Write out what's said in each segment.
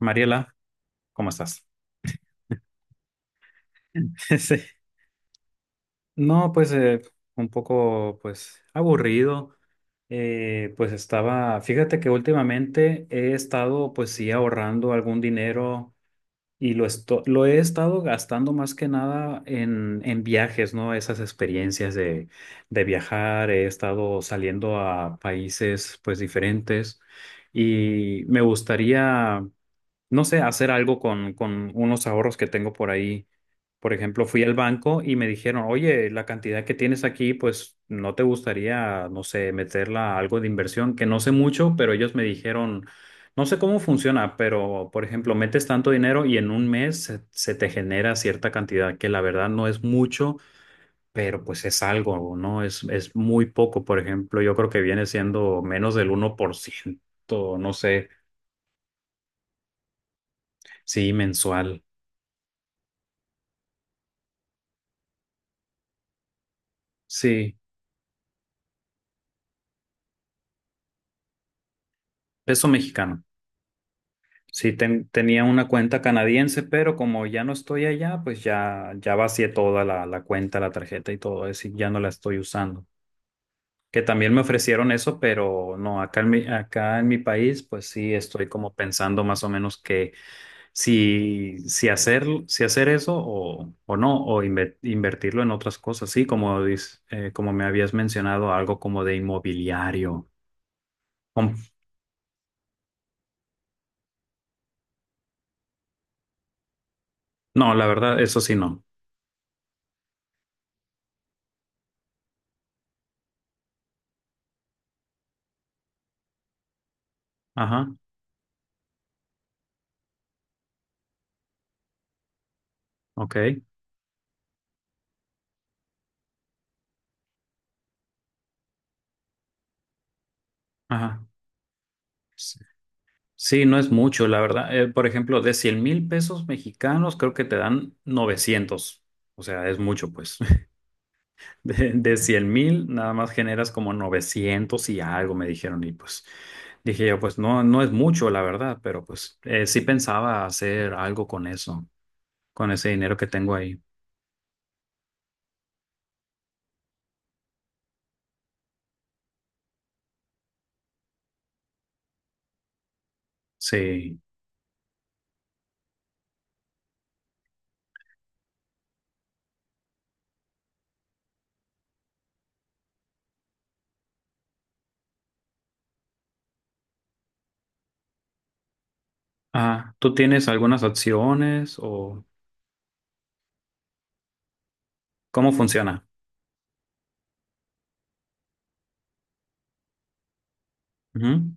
Mariela, ¿cómo estás? Sí. No, pues un poco pues aburrido. Pues estaba, fíjate que últimamente he estado pues sí ahorrando algún dinero y lo he estado gastando más que nada en viajes, ¿no? Esas experiencias de viajar, he estado saliendo a países pues diferentes y me gustaría, no sé, hacer algo con unos ahorros que tengo por ahí. Por ejemplo, fui al banco y me dijeron, oye, la cantidad que tienes aquí, pues no te gustaría, no sé, meterla a algo de inversión, que no sé mucho, pero ellos me dijeron, no sé cómo funciona, pero por ejemplo, metes tanto dinero y en un mes se te genera cierta cantidad, que la verdad no es mucho, pero pues es algo, ¿no? Es muy poco, por ejemplo, yo creo que viene siendo menos del uno por ciento, no sé, sí, mensual. Sí, peso mexicano. Sí, tenía una cuenta canadiense, pero como ya no estoy allá, pues ya vacié toda la cuenta, la tarjeta y todo, es decir, ya no la estoy usando. Que también me ofrecieron eso, pero no, acá en mi país, pues sí estoy como pensando más o menos que si hacer eso o no, o invertirlo en otras cosas, sí, como, como me habías mencionado, algo como de inmobiliario. Com- No, la verdad, eso sí no. Ajá, ok. Ajá. Sí, sí, no es mucho, la verdad. Por ejemplo, de 100 mil pesos mexicanos, creo que te dan 900. O sea, es mucho, pues. De 100 mil nada más generas como 900 y algo, me dijeron. Y pues dije yo, pues no, no es mucho, la verdad, pero pues sí pensaba hacer algo con eso, con ese dinero que tengo ahí. Sí. Ah, ¿tú tienes algunas acciones o cómo funciona? Ujú.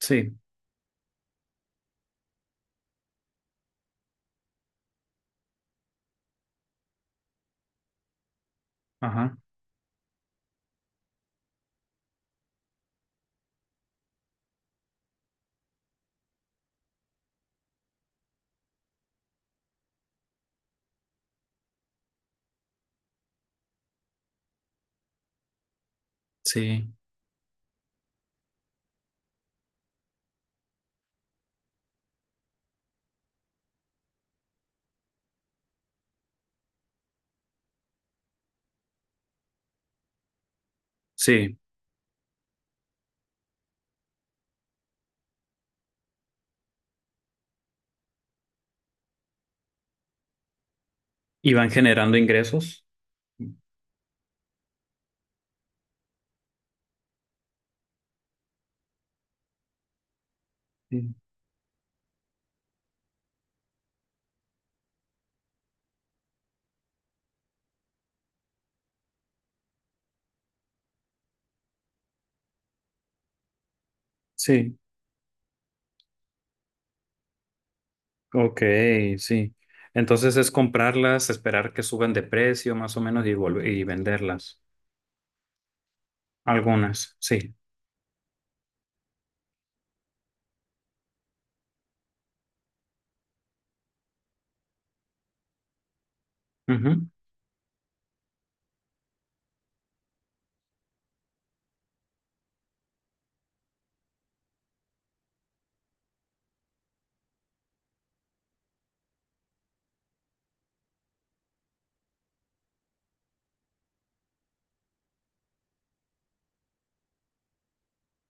Sí, ajá, sí, sí. ¿Y van generando ingresos? Sí, sí, ok, sí. Entonces es comprarlas, esperar que suban de precio más o menos y volver y venderlas. Algunas, sí. Ujú.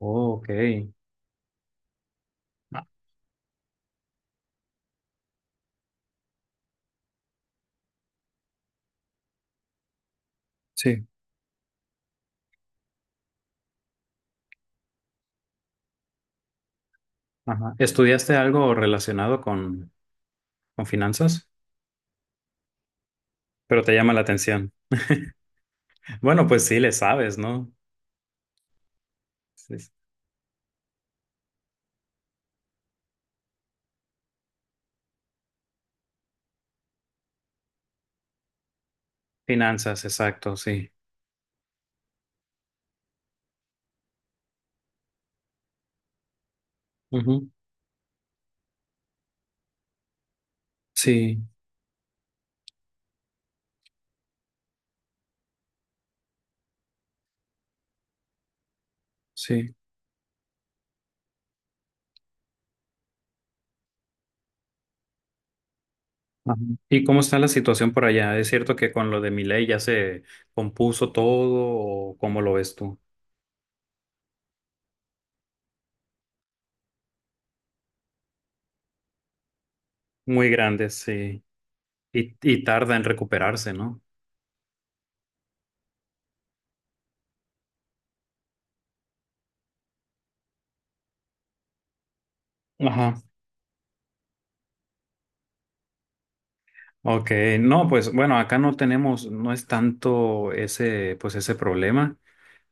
Oh, ok. Ah, sí. Ajá. ¿Estudiaste algo relacionado con finanzas? Pero te llama la atención. Bueno, pues sí, le sabes, ¿no? Sí, sí. Finanzas, exacto, sí. Ujú. Sí, sí. Ajá. ¿Y cómo está la situación por allá? ¿Es cierto que con lo de mi ley ya se compuso todo o cómo lo ves tú? Muy grandes, sí. Y tarda en recuperarse, ¿no? Ajá. Ok, no, pues bueno, acá no tenemos, no es tanto ese, pues ese problema,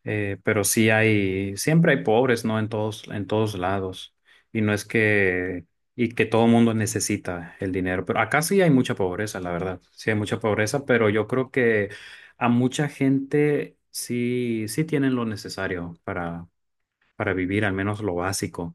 pero sí hay, siempre hay pobres, ¿no? En todos lados. Y no es que, y que todo mundo necesita el dinero, pero acá sí hay mucha pobreza, la verdad. Sí hay mucha pobreza, pero yo creo que a mucha gente sí tienen lo necesario para vivir, al menos lo básico.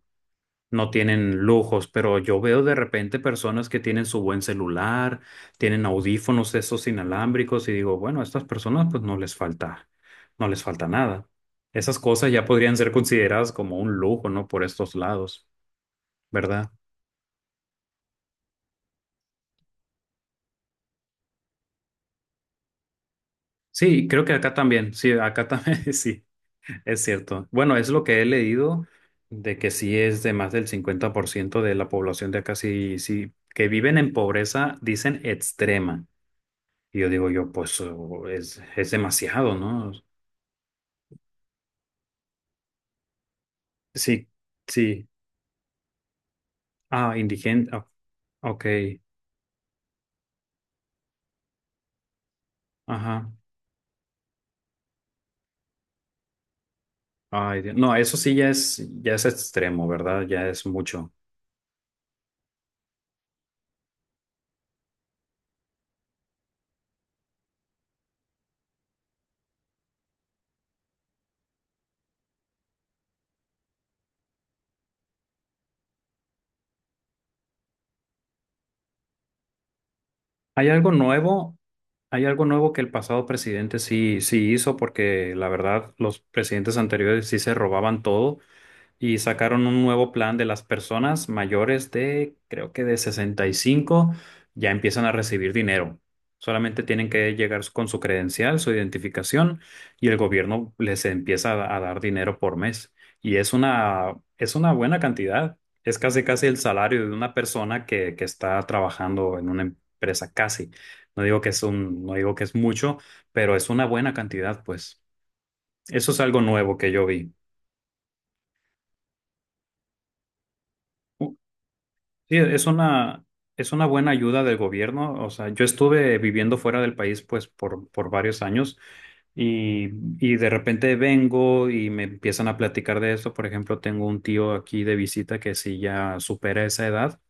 No tienen lujos, pero yo veo de repente personas que tienen su buen celular, tienen audífonos esos inalámbricos y digo, bueno, a estas personas pues no les falta nada. Esas cosas ya podrían ser consideradas como un lujo, ¿no? Por estos lados, ¿verdad? Sí, creo que acá también, sí, acá también, sí, es cierto. Bueno, es lo que he leído de que sí es de más del 50% de la población de acá, sí, sí, que viven en pobreza, dicen extrema. Y yo digo yo, pues oh, es demasiado, ¿no? Sí, sí. Ah, indigente. Ah, ok. Ajá. Ay, Dios. No, eso sí ya es extremo, ¿verdad? Ya es mucho. ¿Hay algo nuevo? ¿Hay algo nuevo que el pasado presidente sí hizo? Porque la verdad, los presidentes anteriores sí se robaban todo. Y sacaron un nuevo plan de las personas mayores de, creo que de sesenta y cinco, ya empiezan a recibir dinero. Solamente tienen que llegar con su credencial, su identificación, y el gobierno les empieza a dar dinero por mes. Y es una buena cantidad. Es casi casi el salario de una persona que está trabajando en una empresa, casi. No digo que es un, no digo que es mucho, pero es una buena cantidad, pues. Eso es algo nuevo que yo vi. Sí, es una buena ayuda del gobierno. O sea, yo estuve viviendo fuera del país pues por varios años y, de repente vengo y me empiezan a platicar de eso. Por ejemplo, tengo un tío aquí de visita que sí ya supera esa edad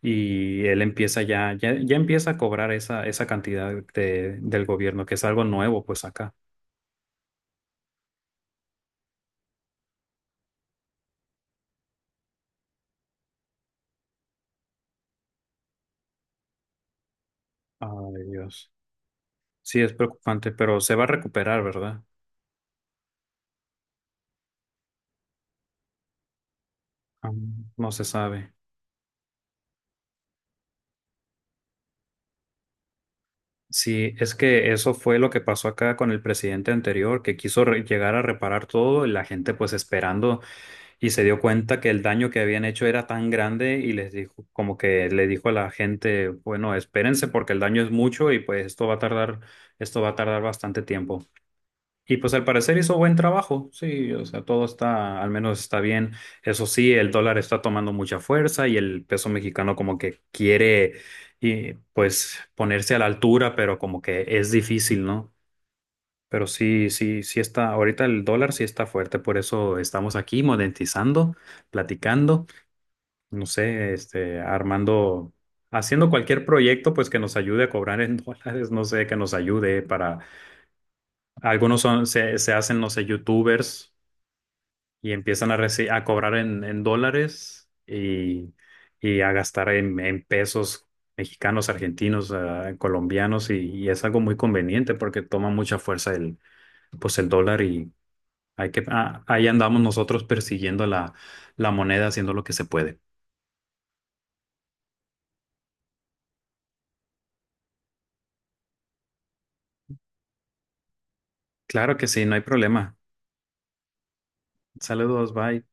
y él empieza ya empieza a cobrar esa cantidad del gobierno, que es algo nuevo pues acá. Ay, Dios. Sí, es preocupante, pero se va a recuperar, ¿verdad? Ah, no se sabe. Sí, es que eso fue lo que pasó acá con el presidente anterior, que quiso llegar a reparar todo y la gente pues esperando, y se dio cuenta que el daño que habían hecho era tan grande y les dijo, como que le dijo a la gente, bueno, espérense porque el daño es mucho y pues esto va a tardar bastante tiempo. Y pues al parecer hizo buen trabajo, sí, o sea, todo está, al menos está bien. Eso sí, el dólar está tomando mucha fuerza y el peso mexicano como que quiere, y, pues, ponerse a la altura, pero como que es difícil, ¿no? Pero sí está, ahorita el dólar sí está fuerte, por eso estamos aquí monetizando, platicando, no sé, este, armando, haciendo cualquier proyecto, pues que nos ayude a cobrar en dólares, no sé, que nos ayude para. Algunos son, se hacen, no sé, youtubers y empiezan a cobrar en dólares y a gastar en pesos mexicanos, argentinos, ah, colombianos y es algo muy conveniente porque toma mucha fuerza el dólar y ahí andamos nosotros persiguiendo la moneda haciendo lo que se puede. Claro que sí, no hay problema. Saludos, bye.